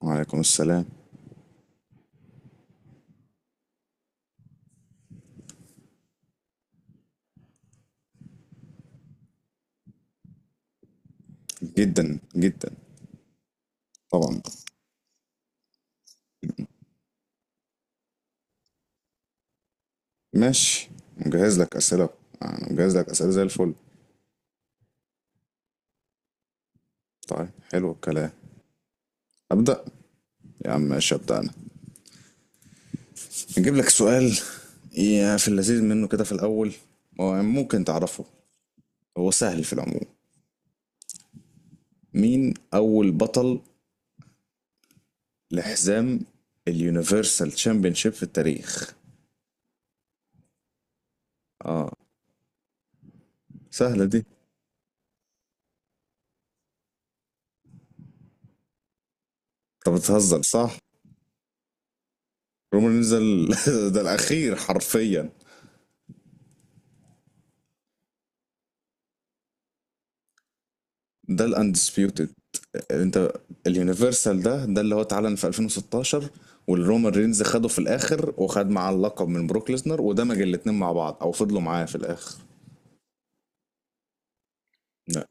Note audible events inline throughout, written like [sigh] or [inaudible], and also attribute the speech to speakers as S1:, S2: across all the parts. S1: وعليكم السلام. جدا جدا. طبعا. ماشي. مجهز لك أسئلة. أنا مجهز لك أسئلة زي الفل. طيب حلو الكلام. أبدأ. يا عم ماشي أبدأ أنا. نجيب لك سؤال يا في اللذيذ منه كده في الأول. هو ممكن تعرفه. هو سهل في العموم. مين أول بطل لحزام اليونيفرسال تشامبيونشيب في التاريخ؟ اه. سهلة دي. انت بتهزر صح؟ رومان رينز [laughs] ده الأخير حرفيا. ده الاندسبيوتد. انت اليونيفرسال ده اللي هو اتعلن في 2016، والرومان رينز خده في الاخر وخد معاه اللقب من بروك ليسنر ودمج الاتنين مع بعض او فضلوا معاه في الاخر. لا.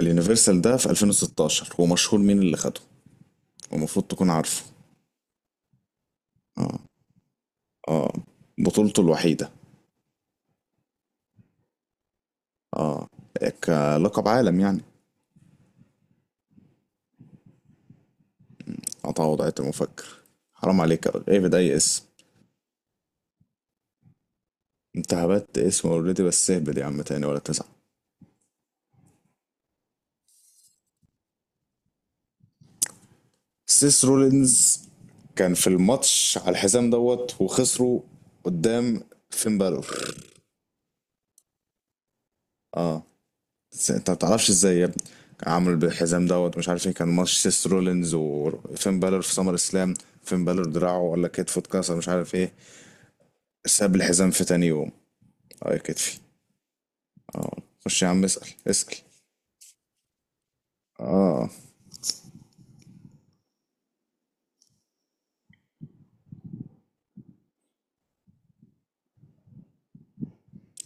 S1: اليونيفرسال ده في 2016، ومشهور مين اللي خده؟ المفروض تكون عارفه. اه. اه. بطولته الوحيدة. اه. كلقب عالم يعني. عطاها وضعية المفكر. حرام عليك يا راجل، ايه بدأي اسم؟ انت هبت اسم اوريدي، بس اهبد يا عم تاني ولا تزعل. سيس رولينز كان في الماتش على الحزام دوت وخسروا قدام فين بالور. اه. انت ما تعرفش ازاي يا ابني؟ عمل بالحزام دوت مش عارف ايه، كان ماتش سيس رولينز وفين بالور في سمر اسلام. فين بالور دراعه ولا كتفه اتكسر مش عارف ايه، ساب الحزام في تاني يوم. اه يا كتفي. اه. خش يا عم اسأل اسأل. اه.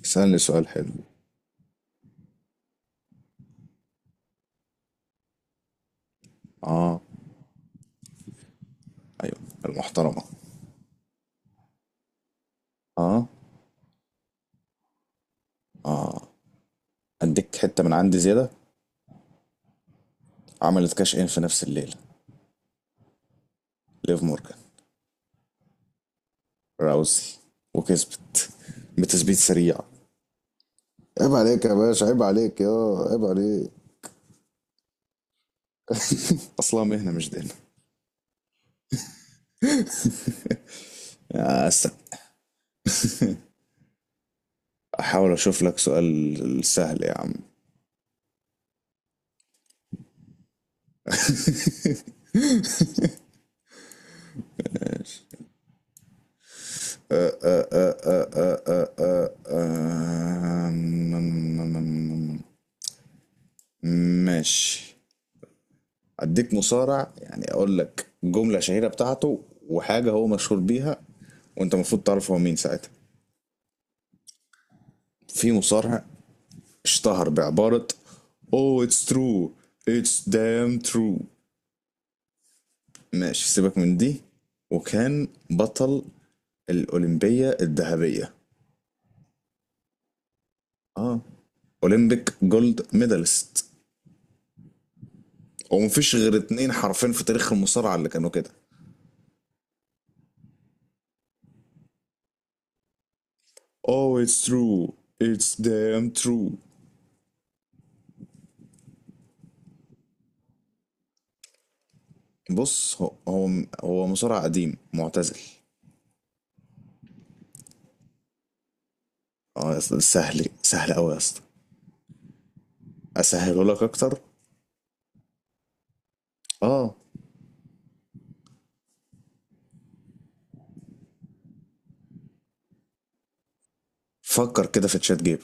S1: اسألني سؤال حلو. اه. ايوه. المحترمة. اه. اه. اديك حتة من عندي زيادة. عملت كاش ان في نفس الليلة، ليف مورجان، راوسي. وكسبت بتثبيت سريع. عيب عليك يا باشا، عيب عليك يا عيب عليك. اصلها مهنة مش دين. يا أسا احاول اشوف لك سؤال سهل يا عم. [laughs] آه، آه، م- م- م- ماشي. اديك مصارع، يعني اقول لك جملة شهيرة بتاعته وحاجة هو مشهور بيها وانت المفروض تعرف هو مين ساعتها. في مصارع اشتهر بعبارة Oh it's true, it's damn true. ماشي سيبك من دي. وكان بطل الأولمبية الذهبية. اه. أولمبيك جولد ميدالست. ومفيش غير اتنين حرفين في تاريخ المصارعة اللي كانوا كده. Oh it's true, it's damn true. بص هو هو مصارع قديم معتزل. اه يا اسطى، سهل سهل قوي يا اسطى، اسهله لك اكتر. اه. فكر كده في تشات جيبت.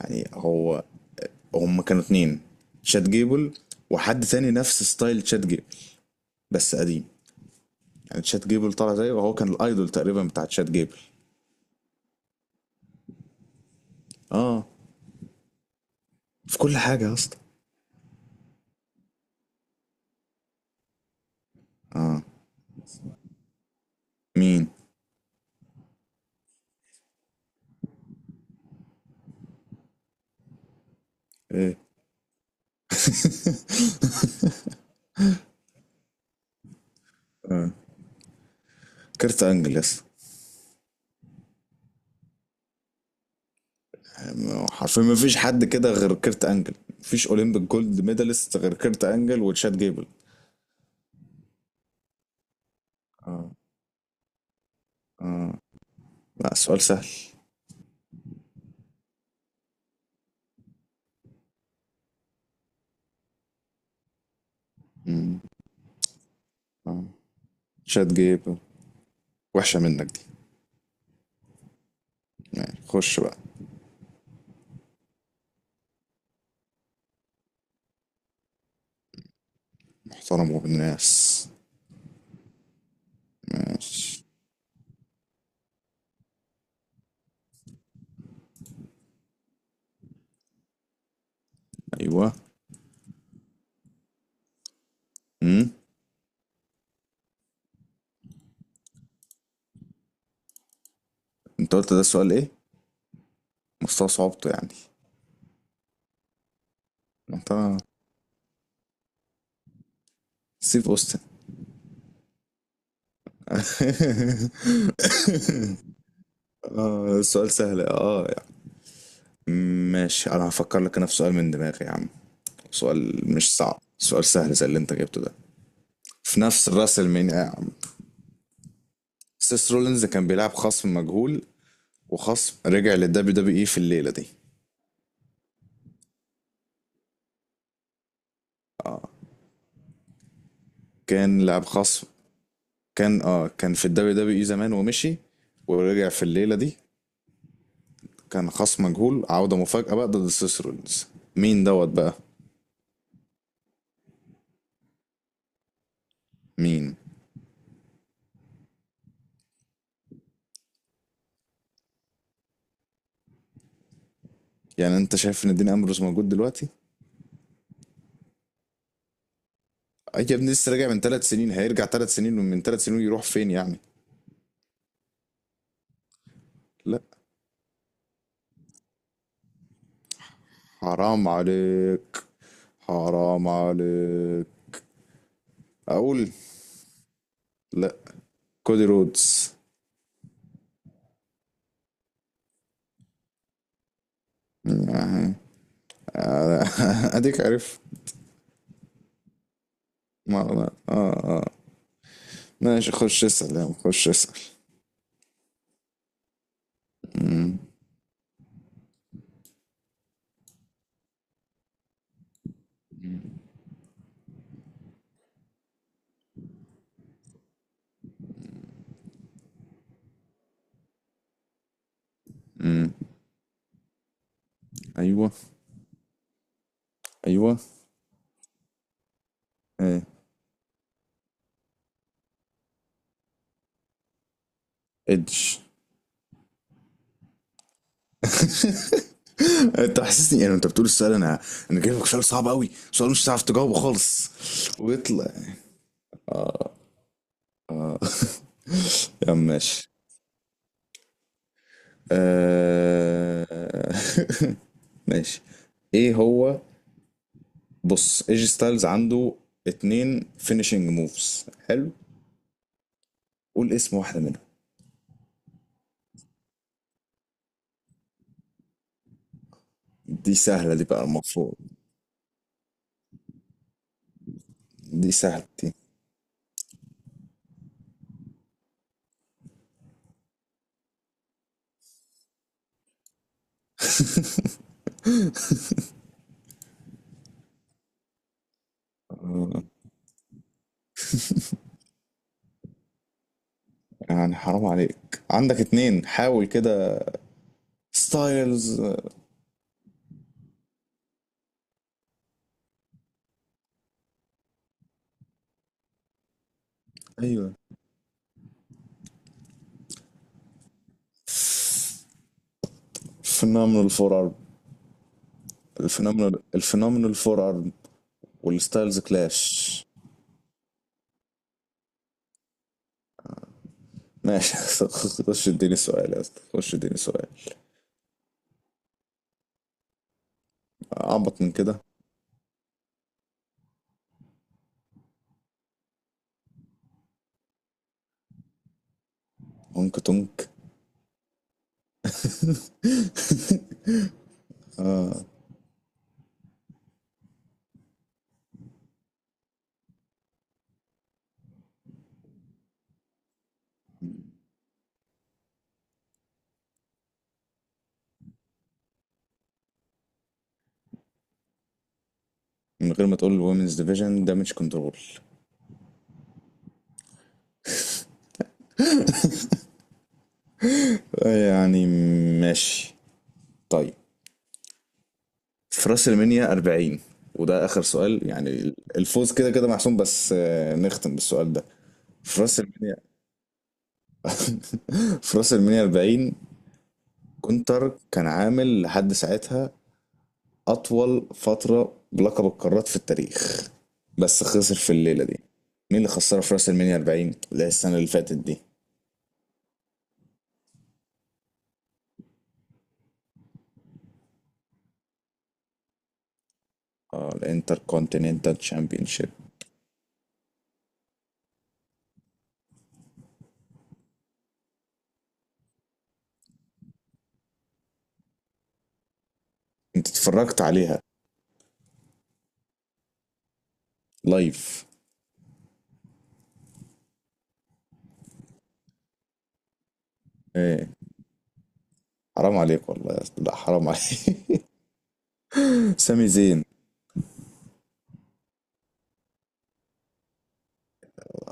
S1: يعني هو هم كانوا اتنين، تشات جيبل وحد تاني نفس ستايل تشات جيبل بس قديم. يعني تشات جيبل طلع زيه، وهو كان الايدول تقريبا بتاع تشات جيبل. اه، في كل حاجه يا اسطى. مين؟ ايه؟ كيرت انجل يا اسطى. يعني حرفيا ما فيش حد كده غير كيرت انجل. مفيش اولمبيك جولد ميداليست غير كيرت انجل وتشات جيبل. اه. اه. لا سؤال سهل. مم. اه. تشات جيبل. وحشه منك دي. ماشي خش بقى. محترم وبالناس. ماشي. ايوه. امم. انت قلت ده السؤال ايه، مستوى صعوبته يعني. ما انت. سيف اوستن. [laughs] اه السؤال سهل اه يعني. ماشي، انا هفكر لك انا في سؤال من دماغي يا عم. سؤال مش صعب، سؤال سهل زي اللي انت جبته ده. في نفس الراس المين يا عم. سيس رولينز كان بيلعب خصم مجهول، وخصم رجع للدبليو دبليو اي في الليله دي. كان لاعب خصم. كان اه كان في الدبليو دبليو اي زمان ومشي، ورجع في الليله دي. كان خصم مجهول، عودة مفاجأة بقى ضد سيس رولينز. مين دوت بقى؟ مين؟ يعني انت شايف ان دين امبروز موجود دلوقتي؟ اي يا ابني، لسه راجع من ثلاث سنين، هيرجع ثلاث سنين ومن ثلاث سنين يروح فين يعني؟ لا. حرام عليك، حرام عليك. اقول. لا، كودي رودز. يعني. [laughs] اديك عارف. ما ما اه اه ماشي، خش اسأل يا عم، خش اسأل. امم. امم. ايوه. ايوه. ايه. ادج. [laughs] انت حسسني يعني انت بتقول السؤال، انا انا جايب لك سؤال صعب قوي، سؤال مش هتعرف تجاوبه خالص ويطلع. يا عم ماشي. آه... [laughs] ماشي. ايه هو؟ بص ايجي ستايلز عنده اتنين فينيشنج موفز حلو، قول اسم واحدة منهم. دي سهلة دي بقى المفروض. دي سهلة دي. يعني حرام عليك، عندك اتنين حاول كده. ستايلز. ايوه. فينومينال فور ارم. الفينومينال الفينومينال فور ارم. والستايلز كلاش. ماشي. [laughs] خش اديني سؤال يا اسطى، خش اديني سؤال. اعبط من كده؟ هونك تونك. [laughs] من غير ما تقول الومنز ديفيجن، دامج كنترول. يعني ماشي طيب. في راس المنيا 40، وده اخر سؤال يعني، الفوز كده كده محسوم، بس آه، نختم بالسؤال ده. في راس المنيا [laughs] في راس المنيا 40، [laughs] كونتر كان عامل لحد ساعتها أطول فترة بلقب القارات في التاريخ، بس خسر في الليلة دي. مين اللي خسرها في راس المنيا 40، اللي هي السنة اللي فاتت دي؟ اه، الانتر كونتيننتال تشامبيونشيب. انت اتفرجت عليها لايف. ايه؟ حرام عليك والله يا أسطى، لا حرام عليك. [laughs] سامي زين.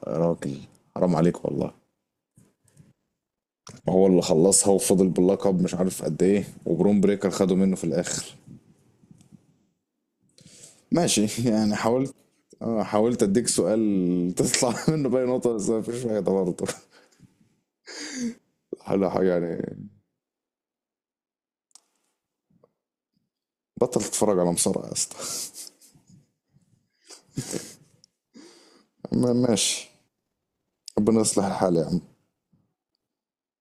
S1: يا راجل حرام عليك والله. ما هو اللي خلصها وفضل باللقب مش عارف قد ايه، وبرون بريكر خده منه في الاخر. ماشي. [laughs] يعني حاولت. اه، حاولت اديك سؤال تطلع [laughs] منه باي نقطة، بس مفيش فايدة برضه. هلا حق يعني. بطل تتفرج على مصارعة يا اسطى. ماشي. ربنا يصلح الحال يعني.